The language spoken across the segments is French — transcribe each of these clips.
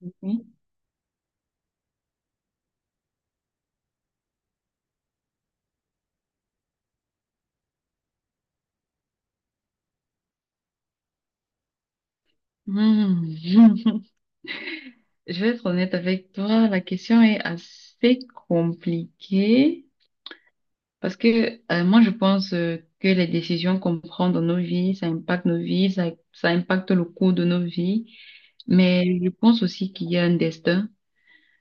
Mhm. Mhm. Je vais être honnête avec toi, la question est assez compliquée parce que moi je pense que les décisions qu'on prend dans nos vies, ça impacte nos vies, ça impacte le cours de nos vies, mais je pense aussi qu'il y a un destin.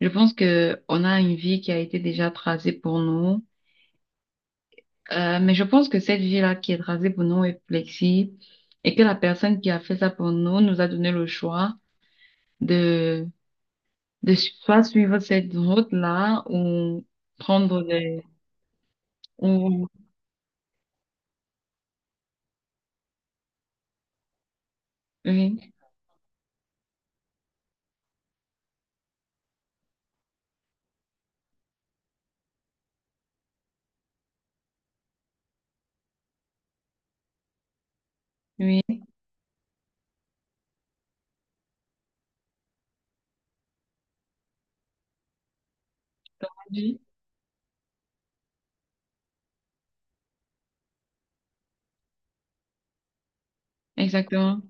Je pense que on a une vie qui a été déjà tracée pour nous, mais je pense que cette vie-là qui est tracée pour nous est flexible et que la personne qui a fait ça pour nous nous a donné le choix de soit suivre cette route-là ou prendre des... ou- Oui, oui, oui, exactement.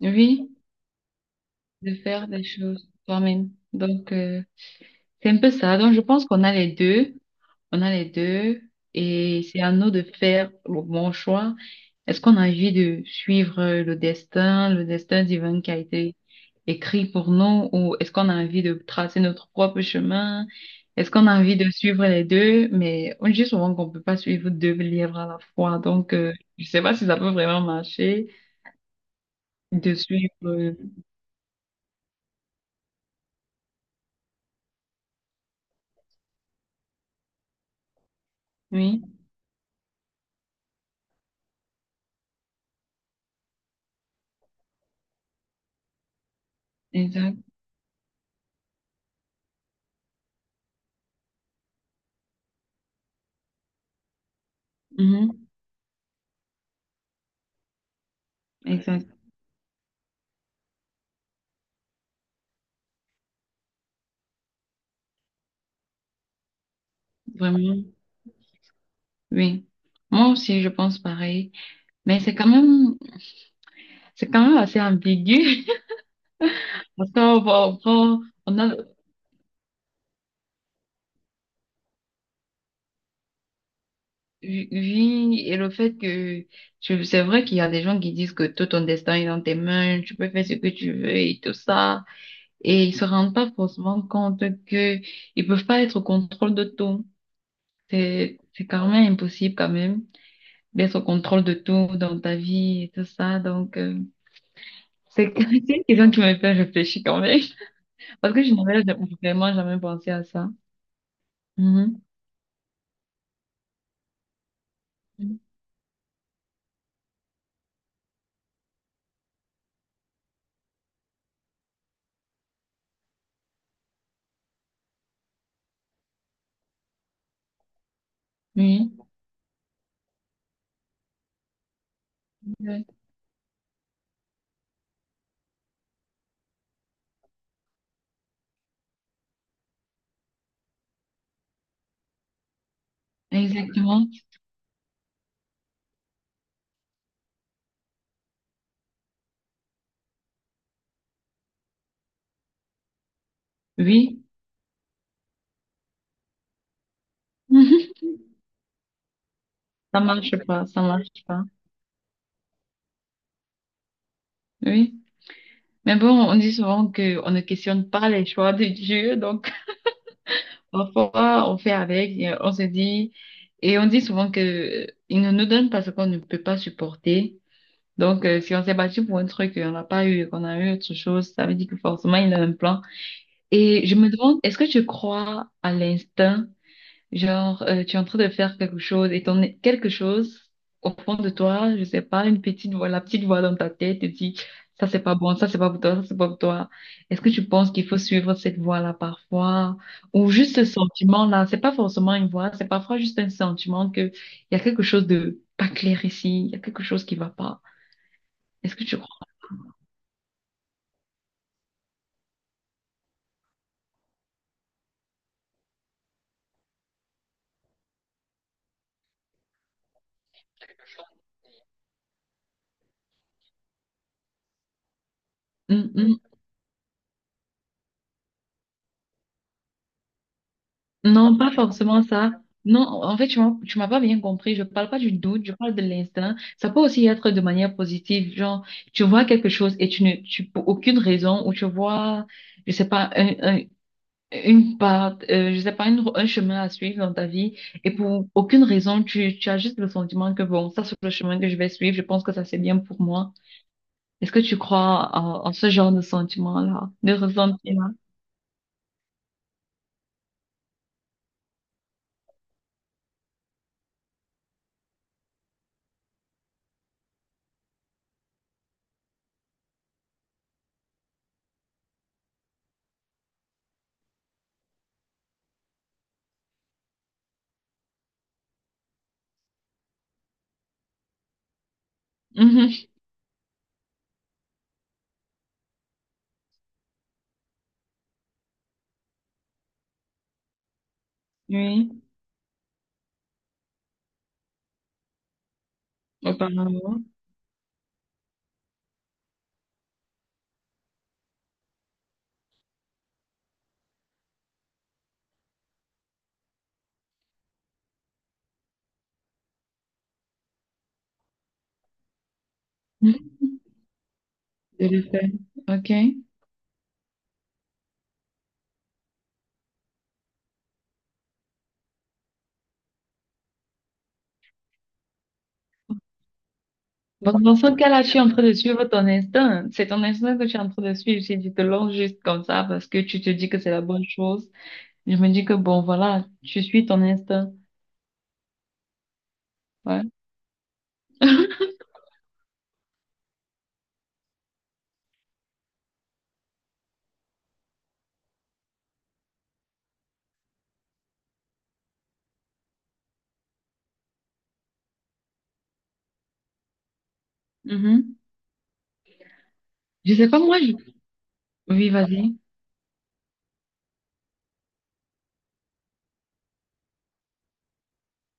Oui, de faire des choses toi-même. Donc, c'est un peu ça. Donc, je pense qu'on a les deux. On a les deux et c'est à nous de faire le bon choix. Est-ce qu'on a envie de suivre le destin divin qui a été écrit pour nous ou est-ce qu'on a envie de tracer notre propre chemin? Est-ce qu'on a envie de suivre les deux? Mais on dit souvent qu'on peut pas suivre deux livres à la fois. Donc, je sais pas si ça peut vraiment marcher de suivre. Oui, exact. Mhm. Ouais, exact. Vraiment. Oui. Moi aussi, je pense pareil. Mais c'est quand même, c'est quand même assez ambigu. Parce qu'on va- on, va- on a vu et le fait que tu- c'est vrai qu'il y a des gens qui disent que tout ton destin est dans tes mains, tu peux faire ce que tu veux et tout ça, et ils se rendent pas forcément compte que ils peuvent pas être au contrôle de tout. C'est quand même impossible quand même d'être au contrôle de tout dans ta vie et tout ça, donc c'est c'est une question qui me fait réfléchir quand même, parce que je n'avais vraiment jamais pensé à ça. Mhm. Oui. Oui. Exactement. Oui. Ça marche pas, ça marche pas. Oui. Mais bon, on dit souvent que on ne questionne pas les choix de Dieu, donc parfois on fait avec, et on se dit, et on dit souvent que il ne nous donne pas ce qu'on ne peut pas supporter. Donc, si on s'est battu pour un truc et on n'a pas eu, et qu'on a eu autre chose, ça veut dire que forcément il a un plan. Et je me demande, est-ce que tu crois à l'instinct? Genre, tu es en train de faire quelque chose et ton quelque chose au fond de toi, je sais pas, une petite voix, la petite voix dans ta tête te dit, ça c'est pas bon, ça c'est pas pour toi, ça c'est pas pour toi. Est-ce que tu penses qu'il faut suivre cette voix-là parfois? Ou juste ce sentiment-là, c'est pas forcément une voix, c'est parfois juste un sentiment que il y a quelque chose de pas clair ici, il y a quelque chose qui va pas. Est-ce que tu crois? Mm, mm. Non, pas forcément ça. Non, en fait, tu m'as pas bien compris. Je parle pas du doute, je parle de l'instinct. Ça peut aussi être de manière positive, genre, tu vois quelque chose et tu ne, tu, pour aucune raison, ou tu vois, je sais pas, un- une part, je sais pas, une- un chemin à suivre dans ta vie, et pour aucune raison, tu as juste le sentiment que bon, ça, c'est le chemin que je vais suivre, je pense que ça, c'est bien pour moi. Est-ce que tu crois en, en ce genre de sentiment-là, de ressentiment? Mhm. Oui, apparemment. Tout à fait. OK. Bon, dans ce cas-là, je suis en train de suivre ton instinct. C'est ton instinct que je suis en train de suivre. Si tu te lances juste comme ça parce que tu te dis que c'est la bonne chose, je me dis que bon, voilà, tu suis ton instinct. Ouais. Mhm. Je sais pas, moi, je... Oui, vas-y.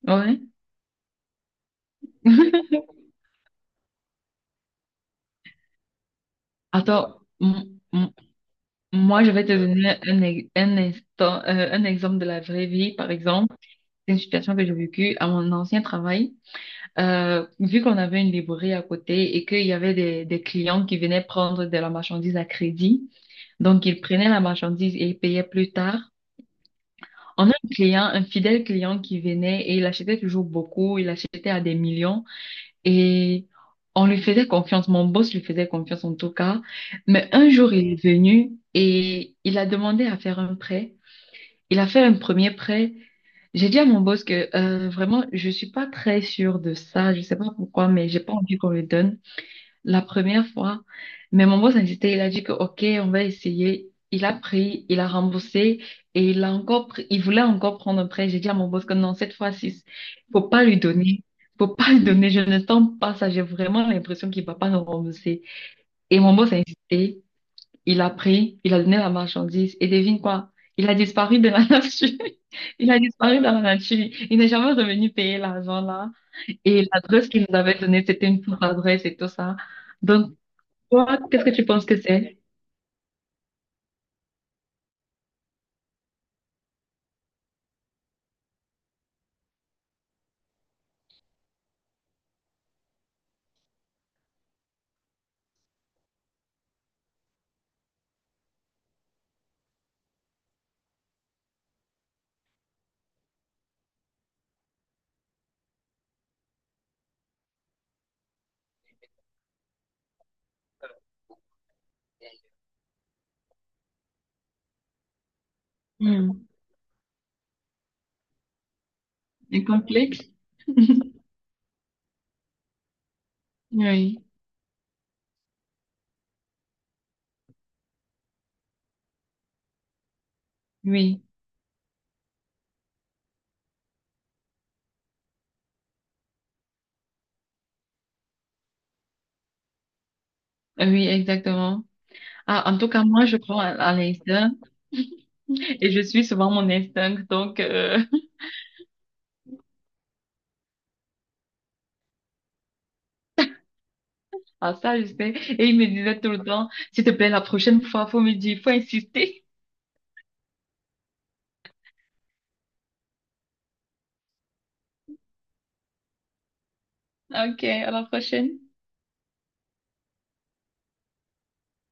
Ouais. Attends, m- m- moi, je vais te donner un, ex- un instant, un exemple de la vraie vie, par exemple. C'est une situation que j'ai vécue à mon ancien travail. Vu qu'on avait une librairie à côté et qu'il y avait des clients qui venaient prendre de la marchandise à crédit, donc ils prenaient la marchandise et ils payaient plus tard. On a un client, un fidèle client qui venait et il achetait toujours beaucoup, il achetait à des millions et on lui faisait confiance, mon boss lui faisait confiance en tout cas. Mais un jour, il est venu et il a demandé à faire un prêt. Il a fait un premier prêt. J'ai dit à mon boss que vraiment, je suis pas très sûre de ça. Je sais pas pourquoi, mais j'ai pas envie qu'on le donne la première fois. Mais mon boss a insisté. Il a dit que OK, on va essayer. Il a pris, il a remboursé et il a encore pris- il voulait encore prendre un prêt. J'ai dit à mon boss que non, cette fois-ci, faut pas lui donner. Faut pas lui donner. Je ne sens pas ça. J'ai vraiment l'impression qu'il va pas nous rembourser. Et mon boss a insisté. Il a pris, il a donné la marchandise et devine quoi? Il a disparu de la nature. Il a disparu dans la nature. Il n'est jamais revenu payer l'argent là. Et l'adresse qu'il nous avait donnée, c'était une fausse adresse et tout ça. Donc, toi, qu'est-ce que tu penses que c'est? Hmm. Un complexe? Oui, oui, oui, exactement. Ah, en tout cas, moi, je crois à l'instinct et je suis souvent mon instinct. Donc, à ça, je sais. Et il me disait tout le temps, s'il te plaît, la prochaine fois, faut me dire, faut insister. Ok, à la prochaine.